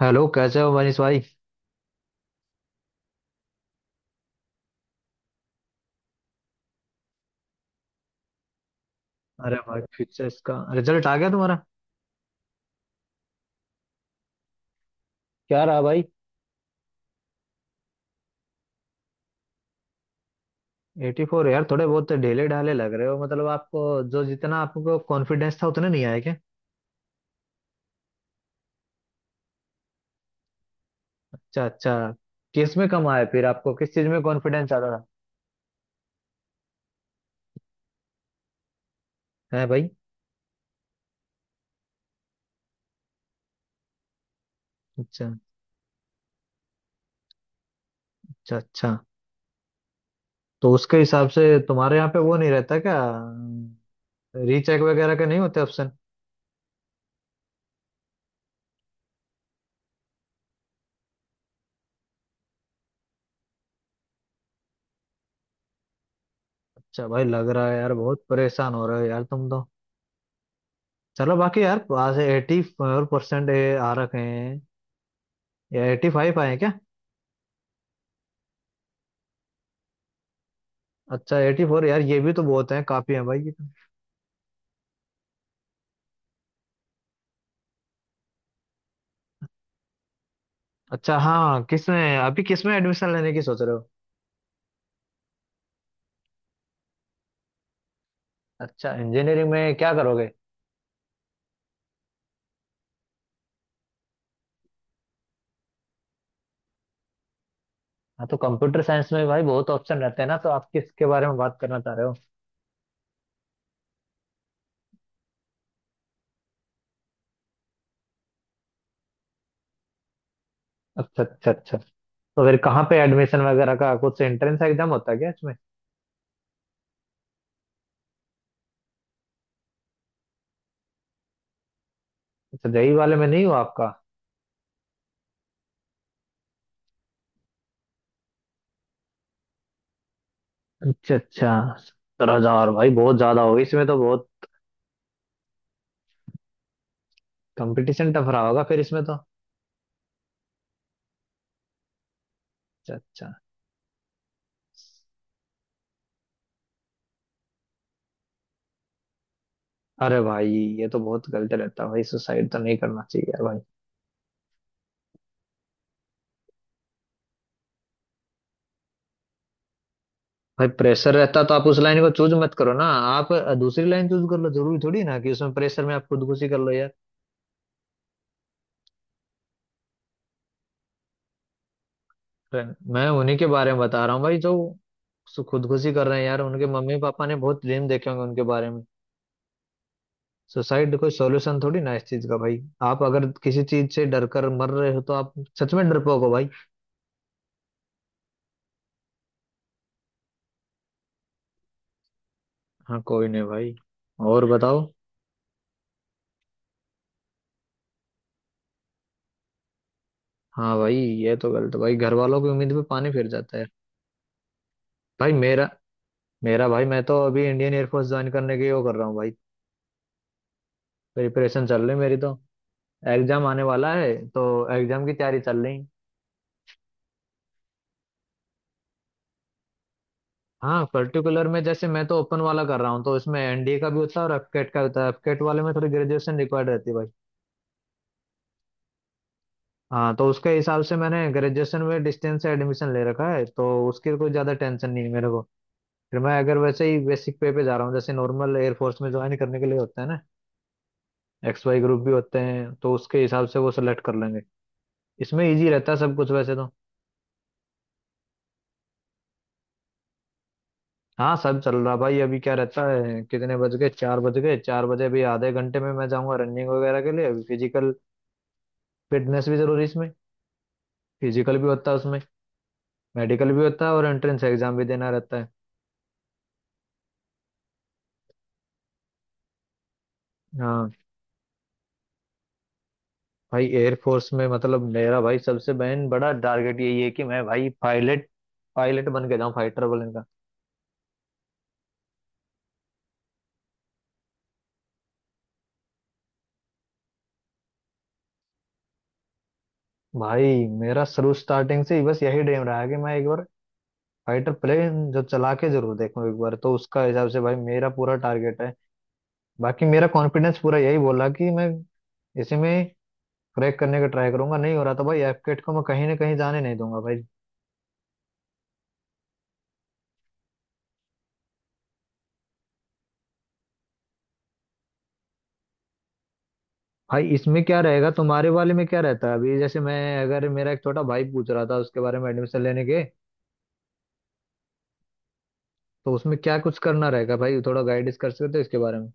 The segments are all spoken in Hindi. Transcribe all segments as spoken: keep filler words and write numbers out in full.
हेलो कैसे हो मनीष भाई। अरे भाई फिर से इसका रिजल्ट आ गया तुम्हारा। क्या रहा भाई। एटी फोर यार, थोड़े बहुत ढीले ढाले लग रहे हो मतलब आपको। जो जितना आपको कॉन्फिडेंस था उतना नहीं आया क्या। अच्छा अच्छा। किस में कम आया फिर आपको, किस चीज में कॉन्फिडेंस ज्यादा था है भाई। अच्छा अच्छा अच्छा। तो उसके हिसाब से तुम्हारे यहाँ पे वो नहीं रहता क्या, रीचेक वगैरह के नहीं होते ऑप्शन। अच्छा भाई, लग रहा है यार बहुत परेशान हो रहे हो यार तुम तो। चलो बाकी यार, आज एटी फोर परसेंट आ रखे हैं या एटी फाइव आए हैं क्या। अच्छा एटी फोर यार, ये भी तो बहुत है, काफी है भाई ये तो। अच्छा हाँ, किसमें अभी, किसमें एडमिशन लेने की सोच रहे हो। अच्छा इंजीनियरिंग में क्या करोगे। हाँ तो कंप्यूटर साइंस में भाई बहुत ऑप्शन रहते हैं ना, तो आप किसके बारे में बात करना चाह रहे हो। अच्छा अच्छा अच्छा। तो फिर कहाँ पे एडमिशन वगैरह का, कुछ एंट्रेंस एग्जाम होता है क्या इसमें। अच्छा जेई वाले में नहीं हुआ आपका। अच्छा अच्छा। सत्रह हजार भाई बहुत ज्यादा होगी इसमें तो, बहुत कंपटीशन टफ रहा होगा फिर इसमें तो। अच्छा अच्छा। अरे भाई ये तो बहुत गलत रहता है भाई, सुसाइड तो नहीं करना चाहिए यार भाई। भाई प्रेशर रहता तो आप उस लाइन को चूज मत करो ना, आप दूसरी लाइन चूज कर लो, जरूरी थोड़ी ना कि उसमें प्रेशर में आप खुदकुशी कर लो यार। मैं उन्हीं के बारे में बता रहा हूँ भाई जो सु- खुदकुशी कर रहे हैं यार, उनके मम्मी पापा ने बहुत ड्रीम देखे होंगे उनके बारे में। सुसाइड कोई सॉल्यूशन थोड़ी ना है इस चीज का भाई। आप अगर किसी चीज से डर कर मर रहे हो तो आप सच में डरपोक हो भाई। हाँ कोई नहीं भाई, और बताओ। हाँ भाई, ये तो गलत भाई, घर वालों की उम्मीद पे पानी फिर जाता है। भाई मेरा मेरा भाई, मैं तो अभी इंडियन एयरफोर्स ज्वाइन करने के वो कर रहा हूँ भाई। प्रिपरेशन चल रही मेरी तो, एग्जाम आने वाला है, तो एग्जाम की तैयारी चल रही। हाँ पर्टिकुलर में जैसे मैं तो ओपन वाला कर रहा हूँ, तो इसमें एनडीए का भी होता है और एफकेट का होता है, एफकेट वाले में थोड़ी ग्रेजुएशन रिक्वायर्ड रहती है भाई। हाँ तो उसके हिसाब से मैंने ग्रेजुएशन में डिस्टेंस से एडमिशन ले रखा है, तो उसकी कोई ज्यादा टेंशन नहीं है मेरे को। फिर मैं अगर वैसे ही बेसिक पे पे जा रहा हूँ जैसे नॉर्मल एयरफोर्स में ज्वाइन करने के लिए होता है ना, एक्स वाई ग्रुप भी होते हैं, तो उसके हिसाब से वो सेलेक्ट कर लेंगे। इसमें इजी रहता है सब कुछ वैसे तो। हाँ सब चल रहा भाई, अभी क्या रहता है, कितने बज गए, चार बज गए, चार बजे अभी आधे घंटे में मैं जाऊंगा रनिंग वगैरह के लिए, अभी फिजिकल फिटनेस भी जरूरी है इसमें, फिजिकल भी होता है उसमें, मेडिकल भी होता है और एंट्रेंस एग्जाम भी देना रहता है। हाँ भाई एयरफोर्स में मतलब, मेरा भाई सबसे बहन बड़ा टारगेट यही है कि मैं भाई पायलट, पायलट बन के जाऊँ फाइटर प्लेन का। भाई मेरा शुरू स्टार्टिंग से ही बस यही ड्रीम रहा है कि मैं एक बार फाइटर प्लेन जो चला के जरूर देखूं एक बार, तो उसका हिसाब से भाई मेरा पूरा टारगेट है। बाकी मेरा कॉन्फिडेंस पूरा यही बोला कि मैं इसी में क्रैक करने का ट्राई करूंगा, नहीं हो रहा था भाई, एफकेट को मैं कहीं ना कहीं जाने नहीं दूंगा भाई। भाई इसमें क्या रहेगा तुम्हारे वाले में, क्या रहता है अभी, जैसे मैं, अगर मेरा एक छोटा भाई पूछ रहा था उसके बारे में एडमिशन लेने के, तो उसमें क्या कुछ करना रहेगा भाई, थोड़ा गाइडेंस कर सकते हो इसके बारे में।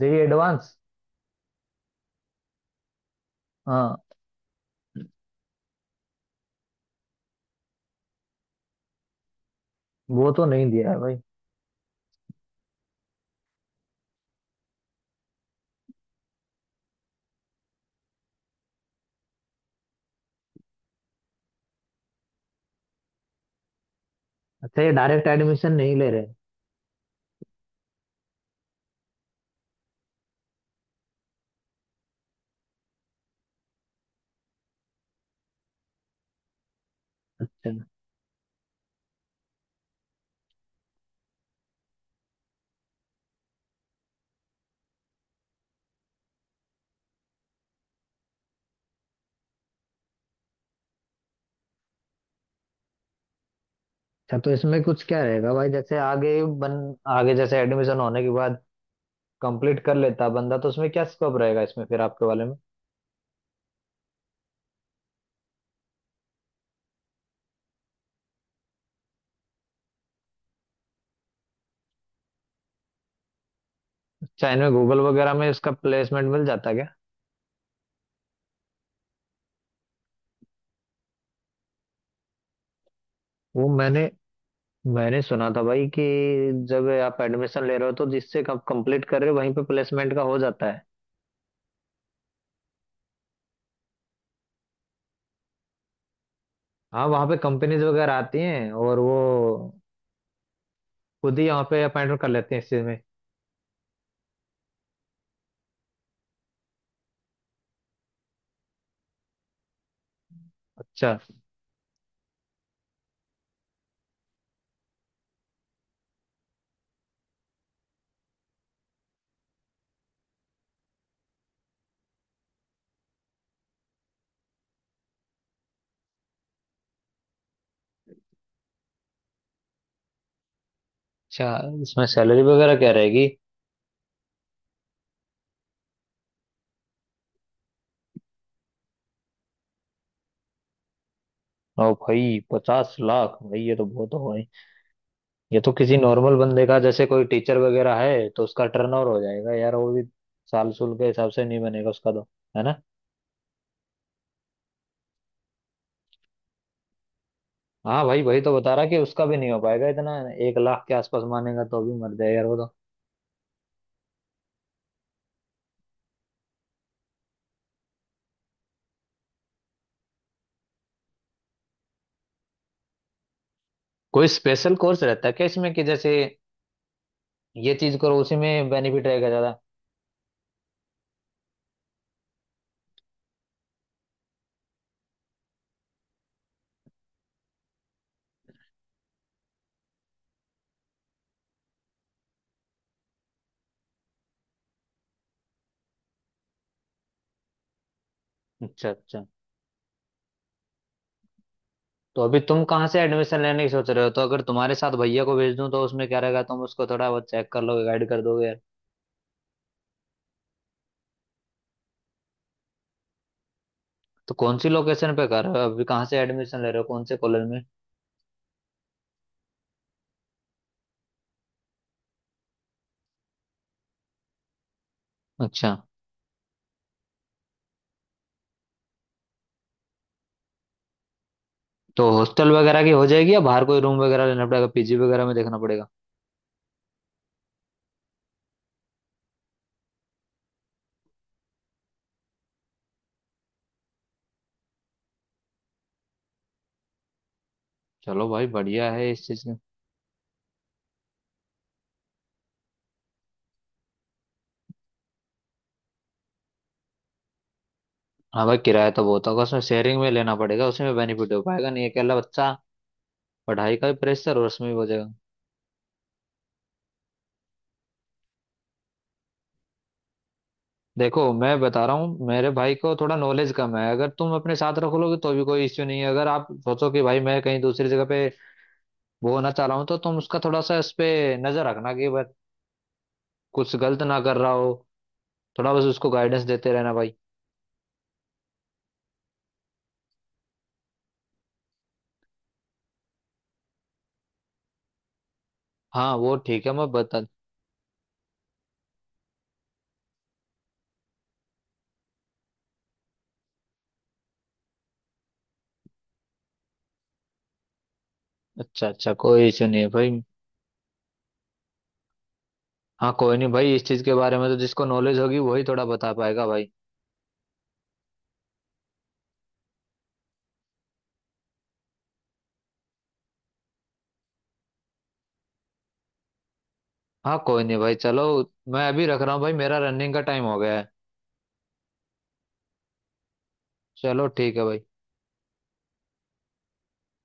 जेई एडवांस, हाँ वो तो नहीं दिया है भाई। अच्छा ये डायरेक्ट एडमिशन नहीं ले रहे। अच्छा अच्छा। तो इसमें कुछ क्या रहेगा भाई जैसे आगे बन, आगे जैसे एडमिशन होने के बाद कंप्लीट कर लेता बंदा, तो उसमें क्या स्कोप रहेगा इसमें फिर आपके वाले में। चाइना में गूगल वगैरह में इसका प्लेसमेंट मिल जाता क्या। वो मैंने मैंने सुना था भाई कि जब आप एडमिशन ले रहे हो तो जिससे आप कंप्लीट कर रहे हो वहीं पे प्लेसमेंट का हो जाता है। हाँ वहाँ पे कंपनीज वगैरह आती हैं और वो खुद ही यहाँ पे अपॉइंटमेंट कर लेते हैं इस चीज में। अच्छा अच्छा। इसमें सैलरी वगैरह क्या रहेगी। ओ भाई पचास लाख, भाई ये तो बहुत हो, ये तो किसी नॉर्मल बंदे का जैसे कोई टीचर वगैरह है तो उसका टर्न ओवर हो जाएगा यार वो भी, साल सुल के हिसाब से नहीं बनेगा उसका तो, है ना। हाँ भाई वही तो बता रहा कि उसका भी नहीं हो पाएगा इतना, एक लाख के आसपास मानेगा तो भी मर जाएगा यार वो तो। कोई स्पेशल कोर्स रहता है क्या इसमें कि जैसे ये चीज करो उसी में बेनिफिट रहेगा ज्यादा। अच्छा अच्छा। तो अभी तुम कहाँ से एडमिशन लेने की सोच रहे हो, तो अगर तुम्हारे साथ भैया को भेज दूं तो उसमें क्या रहेगा, तुम उसको थोड़ा बहुत चेक कर लोगे, गाइड कर दोगे यार। तो कौन सी लोकेशन पे कर रहे हो अभी, कहाँ से एडमिशन ले रहे हो कौन से कॉलेज में। अच्छा तो हॉस्टल वगैरह की हो जाएगी या बाहर कोई रूम वगैरह लेना पड़ेगा, पीजी वगैरह में देखना पड़ेगा। चलो भाई बढ़िया है इस चीज में। हाँ भाई किराया तो बहुत होगा उसमें, शेयरिंग में लेना पड़ेगा, उसमें बेनिफिट हो पाएगा नहीं अकेला बच्चा, पढ़ाई का भी प्रेशर और उसमें भी हो जाएगा। देखो मैं बता रहा हूँ मेरे भाई को थोड़ा नॉलेज कम है, अगर तुम अपने साथ रख लोगे तो भी कोई इश्यू नहीं है, अगर आप सोचो कि भाई मैं कहीं दूसरी जगह पे वो होना चाह रहा हूँ तो तुम उसका थोड़ा सा इस पे नजर रखना कि बस कुछ गलत ना कर रहा हो, थोड़ा बस उसको गाइडेंस देते रहना भाई। हाँ वो ठीक है मैं बता। अच्छा अच्छा कोई इशू नहीं है भाई। हाँ कोई नहीं भाई, इस चीज के बारे में तो जिसको नॉलेज होगी वही थोड़ा बता पाएगा भाई। हाँ कोई नहीं भाई चलो, मैं अभी रख रहा हूँ भाई, मेरा रनिंग का टाइम हो गया है, चलो ठीक है भाई।